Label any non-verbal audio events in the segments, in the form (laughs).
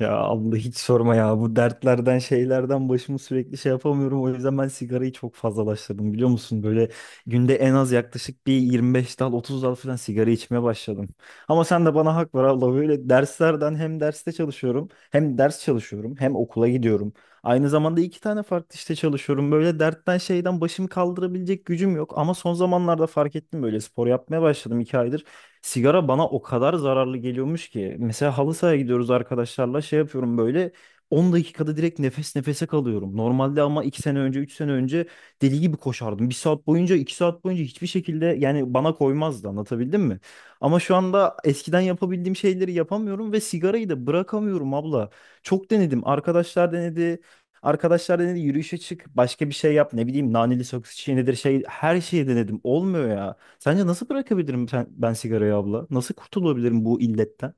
Ya abla, hiç sorma ya. Bu dertlerden şeylerden başımı sürekli şey yapamıyorum. O yüzden ben sigarayı çok fazlalaştırdım, biliyor musun? Böyle günde en az yaklaşık bir 25 dal 30 dal falan sigara içmeye başladım. Ama sen de bana hak ver abla. Böyle derslerden, hem derste çalışıyorum, hem ders çalışıyorum, hem okula gidiyorum. Aynı zamanda iki tane farklı işte çalışıyorum. Böyle dertten şeyden başımı kaldırabilecek gücüm yok. Ama son zamanlarda fark ettim, böyle spor yapmaya başladım. 2 aydır sigara bana o kadar zararlı geliyormuş ki. Mesela halı sahaya gidiyoruz arkadaşlarla, şey yapıyorum böyle, 10 dakikada direkt nefes nefese kalıyorum. Normalde, ama 2 sene önce, 3 sene önce deli gibi koşardım. 1 saat boyunca, 2 saat boyunca hiçbir şekilde, yani bana koymazdı, anlatabildim mi? Ama şu anda eskiden yapabildiğim şeyleri yapamıyorum ve sigarayı da bırakamıyorum abla. Çok denedim, arkadaşlar denedi. Arkadaşlar denedi, yürüyüşe çık, başka bir şey yap, ne bileyim naneli sakız çiğnedir şey, her şeyi denedim olmuyor ya. Sence nasıl bırakabilirim ben sigarayı abla? Nasıl kurtulabilirim bu illetten?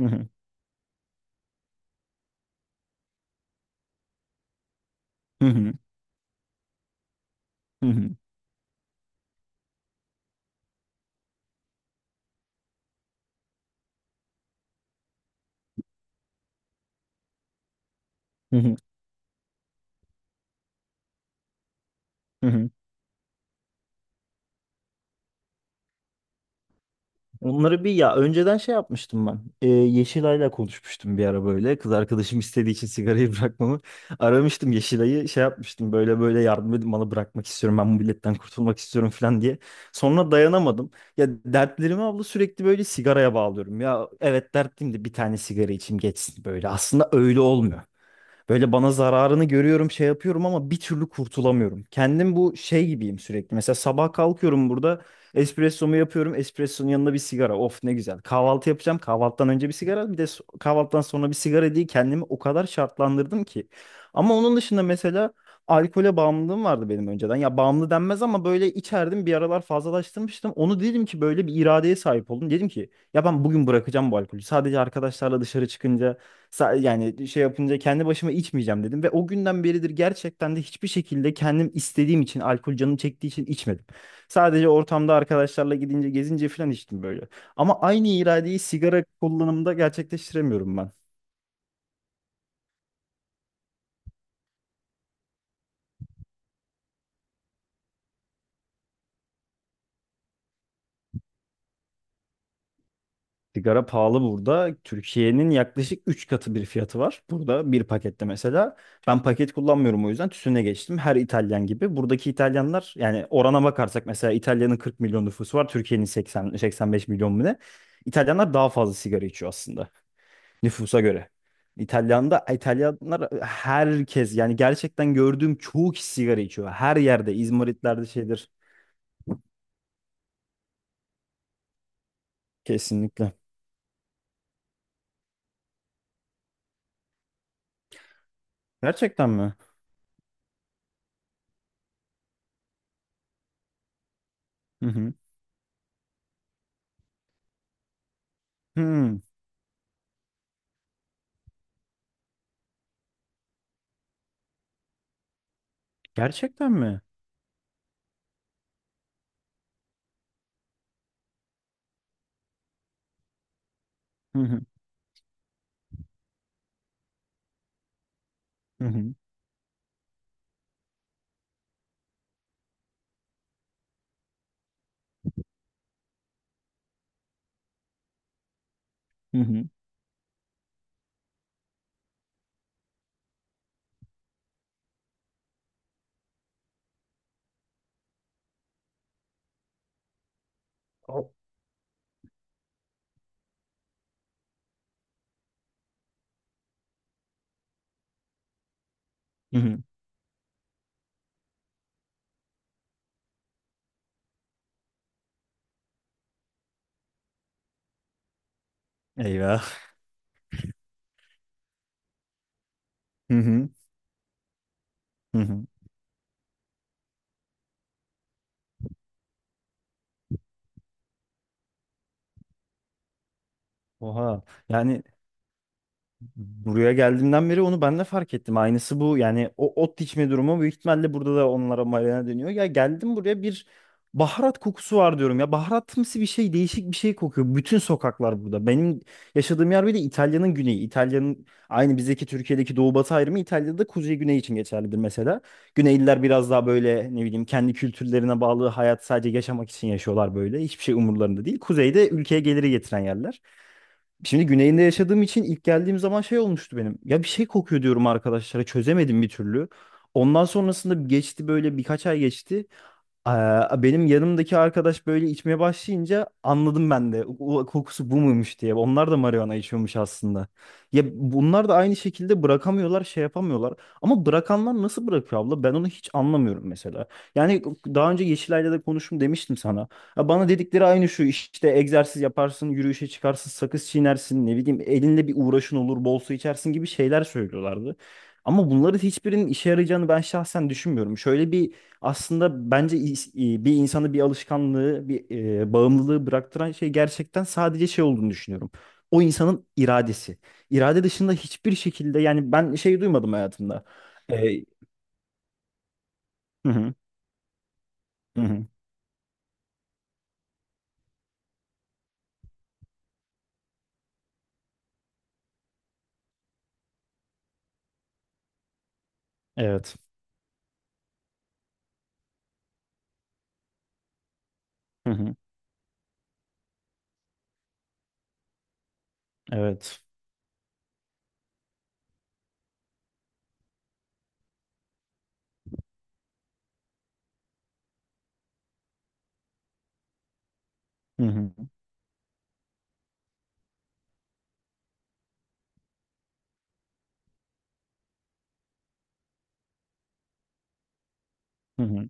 Hı hı. Hı hı. Hı hı. Hı hı. Hı hı. Onları bir, ya önceden şey yapmıştım ben. Yeşilay'la konuşmuştum bir ara böyle. Kız arkadaşım istediği için sigarayı (laughs) bırakmamı, aramıştım Yeşilay'ı şey yapmıştım böyle, böyle yardım edin bana, bırakmak istiyorum ben, bu illetten kurtulmak istiyorum falan diye. Sonra dayanamadım. Ya dertlerimi abla sürekli böyle sigaraya bağlıyorum. Ya evet, dertliyim de bir tane sigara içeyim geçsin böyle. Aslında öyle olmuyor. Böyle bana zararını görüyorum, şey yapıyorum ama bir türlü kurtulamıyorum. Kendim bu şey gibiyim sürekli. Mesela sabah kalkıyorum burada, espressomu yapıyorum, espressonun yanında bir sigara. Of ne güzel. Kahvaltı yapacağım. Kahvaltıdan önce bir sigara, bir de kahvaltıdan sonra bir sigara diye kendimi o kadar şartlandırdım ki. Ama onun dışında mesela alkole bağımlılığım vardı benim önceden. Ya bağımlı denmez ama böyle içerdim, bir aralar fazlalaştırmıştım. Onu dedim ki, böyle bir iradeye sahip oldum. Dedim ki ya ben bugün bırakacağım bu alkolü. Sadece arkadaşlarla dışarı çıkınca, yani şey yapınca kendi başıma içmeyeceğim dedim ve o günden beridir gerçekten de hiçbir şekilde kendim istediğim için, alkol canım çektiği için içmedim. Sadece ortamda arkadaşlarla gidince, gezince falan içtim böyle. Ama aynı iradeyi sigara kullanımında gerçekleştiremiyorum ben. Sigara pahalı burada. Türkiye'nin yaklaşık 3 katı bir fiyatı var burada, bir pakette mesela. Ben paket kullanmıyorum, o yüzden tütüne geçtim. Her İtalyan gibi. Buradaki İtalyanlar, yani orana bakarsak mesela, İtalya'nın 40 milyon nüfusu var. Türkiye'nin 80, 85 milyon mu ne? İtalyanlar daha fazla sigara içiyor aslında, nüfusa göre. İtalyan'da, İtalyanlar herkes, yani gerçekten gördüğüm çoğu kişi sigara içiyor. Her yerde İzmaritlerde şeydir. Kesinlikle. Gerçekten mi? Hı hı. Hı. Gerçekten mi? Hı hı. Hı hı. Hı hı. O- Hı hı. Eyvah. Hı hı. Hı hı. Oha. Yani buraya geldiğimden beri onu ben de fark ettim. Aynısı bu. Yani o ot dikme durumu büyük ihtimalle burada da onlara marina dönüyor. Ya geldim buraya, bir baharat kokusu var diyorum ya. Baharatımsı bir şey, değişik bir şey kokuyor bütün sokaklar burada. Benim yaşadığım yer bir de İtalya'nın güneyi. İtalya'nın, aynı bizdeki Türkiye'deki doğu batı ayrımı, İtalya'da kuzey güney için geçerlidir mesela. Güneyliler biraz daha böyle ne bileyim kendi kültürlerine bağlı, hayat sadece yaşamak için yaşıyorlar böyle. Hiçbir şey umurlarında değil. Kuzeyde ülkeye geliri getiren yerler. Şimdi güneyinde yaşadığım için ilk geldiğim zaman şey olmuştu benim. Ya bir şey kokuyor diyorum arkadaşlara, çözemedim bir türlü. Ondan sonrasında geçti böyle, birkaç ay geçti. Aa, benim yanımdaki arkadaş böyle içmeye başlayınca anladım ben de. O kokusu bu muymuş diye. Onlar da marijuana içiyormuş aslında. Ya bunlar da aynı şekilde bırakamıyorlar, şey yapamıyorlar. Ama bırakanlar nasıl bırakıyor abla? Ben onu hiç anlamıyorum mesela. Yani daha önce Yeşilay'la da konuştum demiştim sana. Ya bana dedikleri aynı şu işte, egzersiz yaparsın, yürüyüşe çıkarsın, sakız çiğnersin, ne bileyim elinde bir uğraşın olur, bol su içersin gibi şeyler söylüyorlardı. Ama bunların hiçbirinin işe yarayacağını ben şahsen düşünmüyorum. Şöyle bir, aslında bence bir insanı, bir alışkanlığı, bir bağımlılığı bıraktıran şey gerçekten sadece şey olduğunu düşünüyorum. O insanın iradesi. İrade dışında hiçbir şekilde, yani ben şey duymadım hayatımda. E, hı hı. Hı hı. Evet. Hı hı. Evet. Hı hı. Hı hı.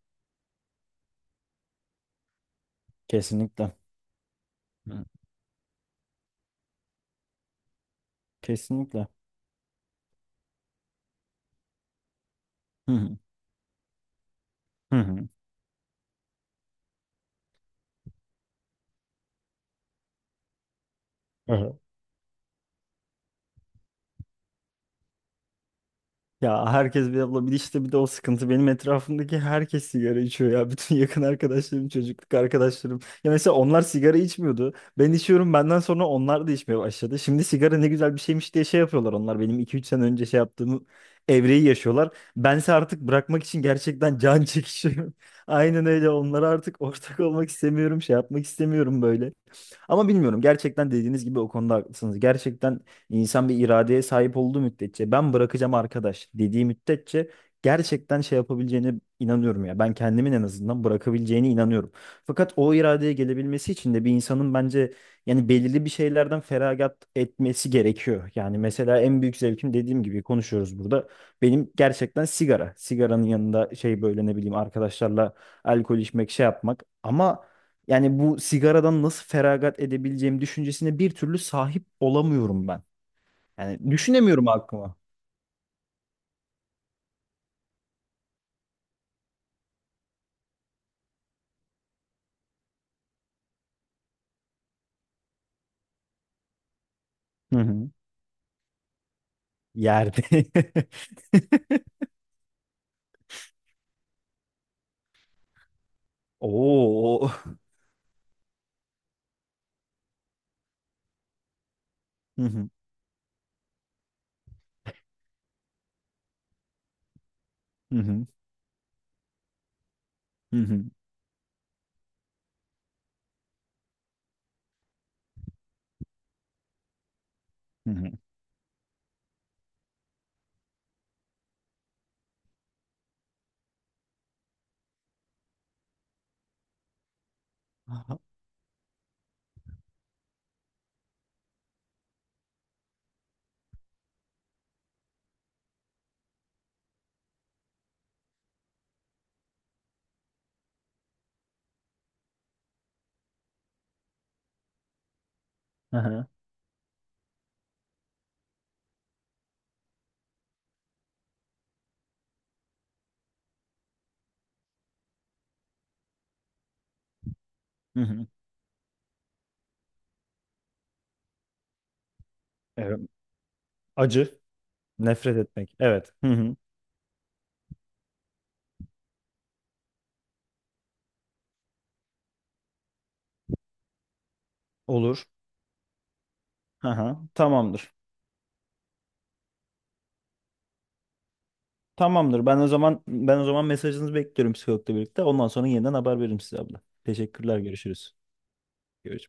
Kesinlikle. Hı. Kesinlikle. Hı hı. Hı hı. Ya herkes, bir abla, bir işte, bir de o sıkıntı. Benim etrafımdaki herkes sigara içiyor ya. (laughs) Bütün yakın arkadaşlarım, çocukluk arkadaşlarım. Ya mesela onlar sigara içmiyordu. Ben içiyorum, benden sonra onlar da içmeye başladı. Şimdi sigara ne güzel bir şeymiş diye şey yapıyorlar onlar. Benim 2-3 sene önce şey yaptığım evreyi yaşıyorlar. Bense artık bırakmak için gerçekten can çekişiyorum. (laughs) Aynen öyle, onlara artık ortak olmak istemiyorum. Şey yapmak istemiyorum böyle. Ama bilmiyorum, gerçekten dediğiniz gibi o konuda haklısınız. Gerçekten İnsan bir iradeye sahip olduğu müddetçe, ben bırakacağım arkadaş dediği müddetçe gerçekten şey yapabileceğine inanıyorum ya. Ben kendimin en azından bırakabileceğine inanıyorum. Fakat o iradeye gelebilmesi için de bir insanın bence, yani belirli bir şeylerden feragat etmesi gerekiyor. Yani mesela en büyük zevkim, dediğim gibi konuşuyoruz burada, benim gerçekten sigara. Sigaranın yanında şey, böyle ne bileyim arkadaşlarla alkol içmek, şey yapmak. Ama yani bu sigaradan nasıl feragat edebileceğim düşüncesine bir türlü sahip olamıyorum ben. Yani düşünemiyorum aklıma. Hı hı. Yerde. (laughs) Oo. Hı hı. Hı hı. Hı hı. Hı hı. Aha. Aha. Hı hı. Hı. Evet. Acı. Nefret etmek. Evet. Hı hı. Olur. Aha. Tamamdır. Tamamdır. Ben o zaman mesajınızı bekliyorum, psikologla birlikte. Ondan sonra yeniden haber veririm size abla. Teşekkürler. Görüşürüz. Görüşmek